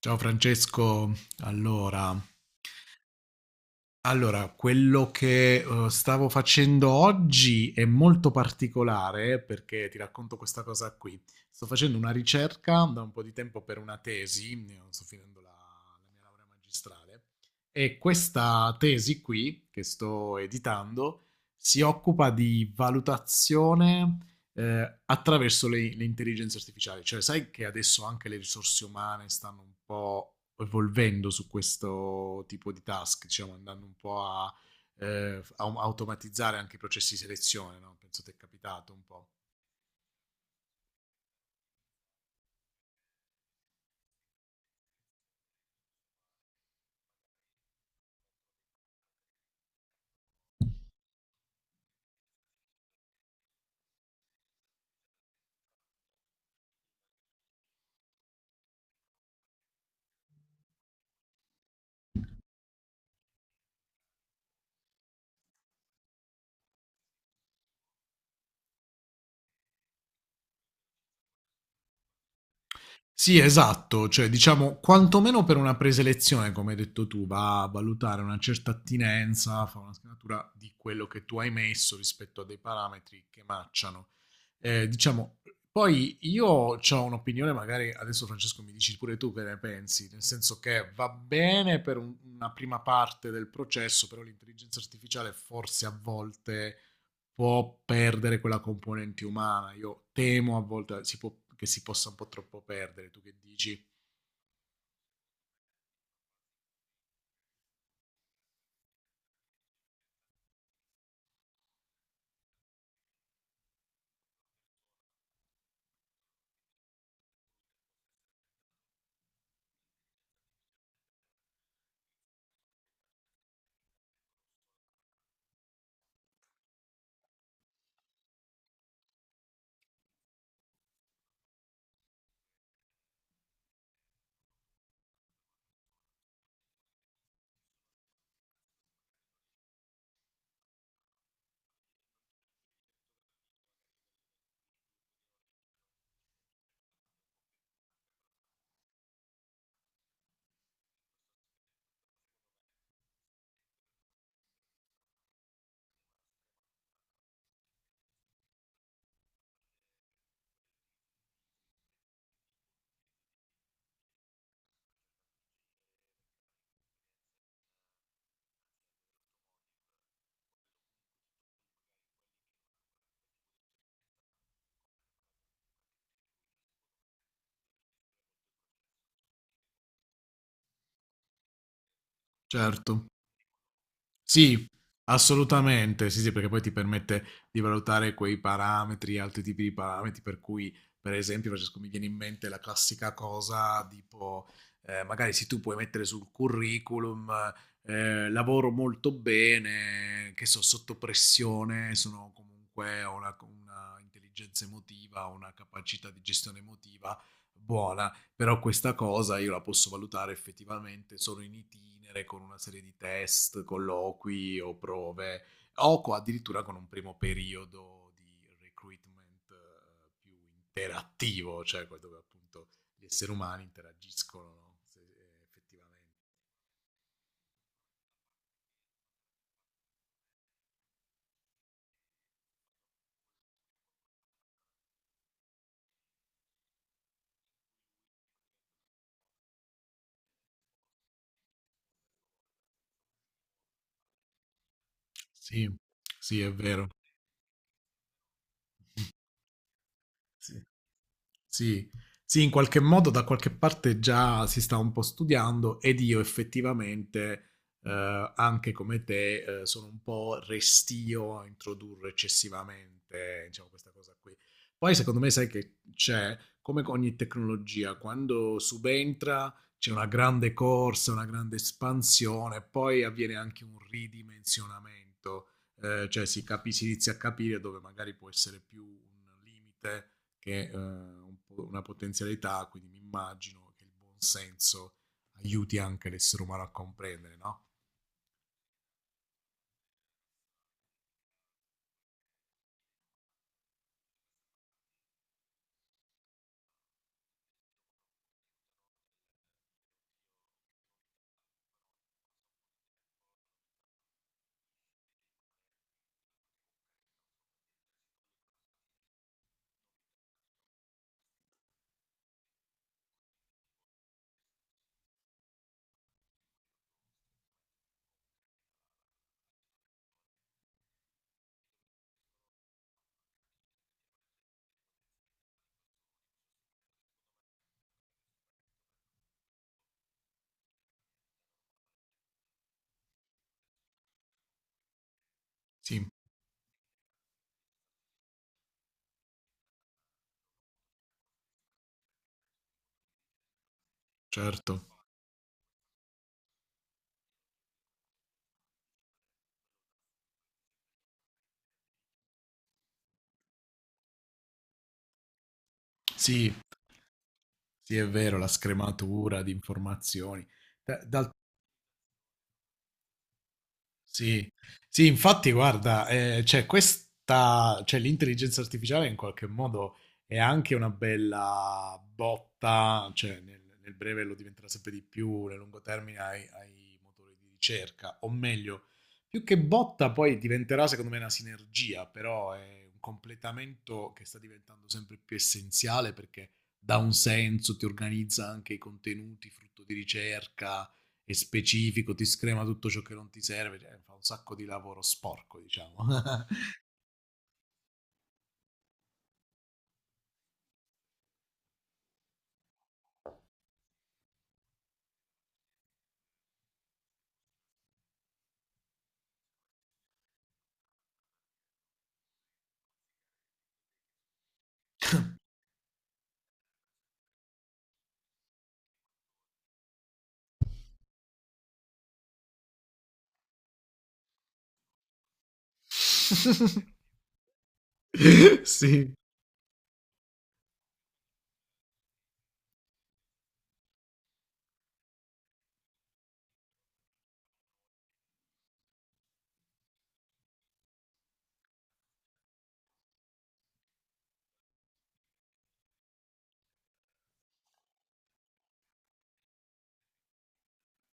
Ciao Francesco, allora, allora, quello che stavo facendo oggi è molto particolare perché ti racconto questa cosa qui. Sto facendo una ricerca da un po' di tempo per una tesi, io sto finendo la mia laurea magistrale, e questa tesi qui che sto editando si occupa di valutazione, attraverso le intelligenze artificiali, cioè sai che adesso anche le risorse umane stanno un po' evolvendo su questo tipo di task, diciamo, andando un po' a, a automatizzare anche i processi di selezione, no? Penso ti è capitato un po'. Sì, esatto, cioè diciamo quantomeno per una preselezione, come hai detto tu, va a valutare una certa attinenza, fa una scannatura di quello che tu hai messo rispetto a dei parametri che matchano. Diciamo, poi io ho un'opinione, magari adesso Francesco mi dici pure tu che ne pensi, nel senso che va bene per una prima parte del processo, però l'intelligenza artificiale forse a volte può perdere quella componente umana. Io temo a volte che si possa un po' troppo perdere. Tu che dici? Certo. Sì, assolutamente, sì, sì, perché poi ti permette di valutare quei parametri, altri tipi di parametri, per cui, per esempio, Francesco, mi viene in mente la classica cosa tipo, magari se tu puoi mettere sul curriculum, lavoro molto bene, che so, sotto pressione, sono comunque ho una intelligenza emotiva, una capacità di gestione emotiva buona, però questa cosa io la posso valutare effettivamente solo in itinere, con una serie di test, colloqui o prove, o addirittura con un primo periodo di recruitment, più interattivo, cioè dove appunto gli esseri umani interagiscono, no? Effettivamente. Sì, sì, è vero. Sì. Sì. Sì, in qualche modo da qualche parte già si sta un po' studiando ed io effettivamente, anche come te, sono un po' restio a introdurre eccessivamente, diciamo, questa cosa qui. Poi secondo me sai che c'è, come con ogni tecnologia, quando subentra c'è una grande corsa, una grande espansione, poi avviene anche un ridimensionamento, cioè si, si inizia a capire dove magari può essere più un limite che è, un po' una potenzialità, quindi mi immagino che il buon senso aiuti anche l'essere umano a comprendere, no? Sì, certo. Sì, sì, è vero, la scrematura di informazioni. Da- D'altro Sì, sì, infatti, guarda, cioè questa, cioè l'intelligenza artificiale in qualche modo è anche una bella botta, cioè nel breve lo diventerà sempre di più, nel lungo termine ai motori di ricerca, o meglio, più che botta poi diventerà secondo me una sinergia, però è un completamento che sta diventando sempre più essenziale perché dà un senso, ti organizza anche i contenuti frutto di ricerca è specifico, ti screma tutto ciò che non ti serve, cioè, fa un sacco di lavoro sporco, diciamo. sì,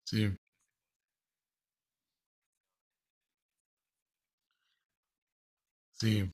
sì, sì.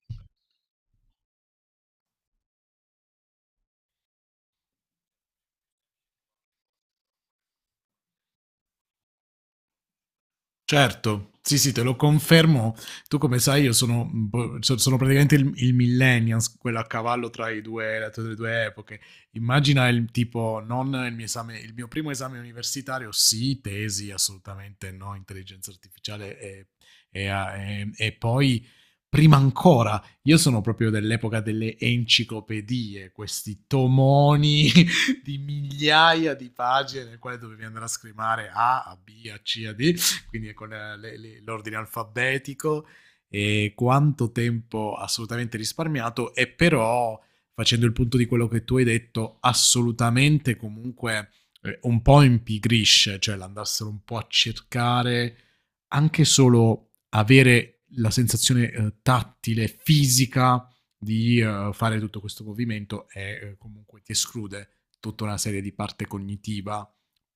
Certo, sì, sì, te lo confermo. Tu come sai io sono, un po' sono praticamente il millennials, quello a cavallo tra i due, tra le due epoche. Immagina il tipo, non il mio esame, il mio primo esame universitario, sì, tesi, assolutamente no, intelligenza artificiale e, e poi... Prima ancora, io sono proprio dell'epoca delle enciclopedie, questi tomoni di migliaia di pagine nel quale dovevi andare a scrivere A, a B, a C, a D, quindi con l'ordine alfabetico e quanto tempo assolutamente risparmiato e però facendo il punto di quello che tu hai detto assolutamente comunque un po' impigrisce, cioè l'andassero un po' a cercare anche solo avere la sensazione tattile, fisica di fare tutto questo movimento e comunque ti esclude tutta una serie di parte cognitiva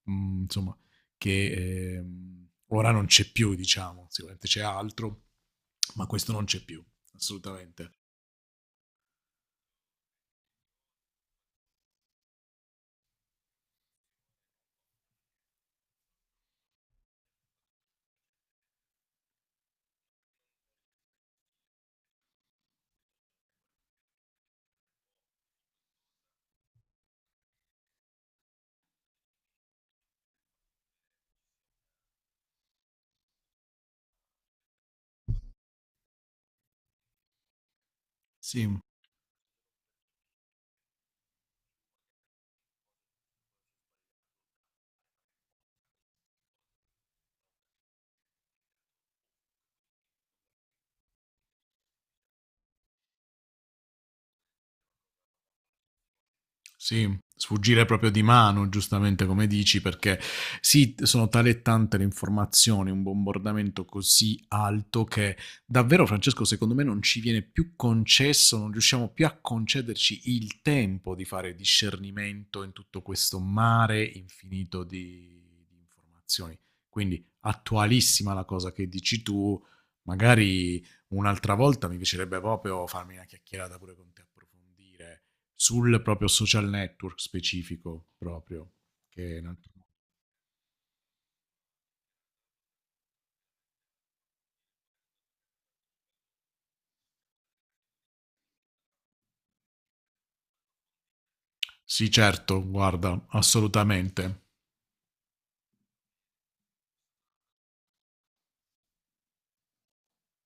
mhmm, insomma, che, ora non c'è più diciamo, sicuramente c'è altro, ma questo non c'è più, assolutamente. Sì. Sì, sfuggire proprio di mano, giustamente come dici, perché sì, sono tale e tante le informazioni, un bombardamento così alto che davvero, Francesco, secondo me non ci viene più concesso, non riusciamo più a concederci il tempo di fare discernimento in tutto questo mare infinito di informazioni. Quindi attualissima la cosa che dici tu, magari un'altra volta mi piacerebbe proprio farmi una chiacchierata pure con te, approfondire sul proprio social network specifico proprio. Che... Sì, certo, guarda, assolutamente.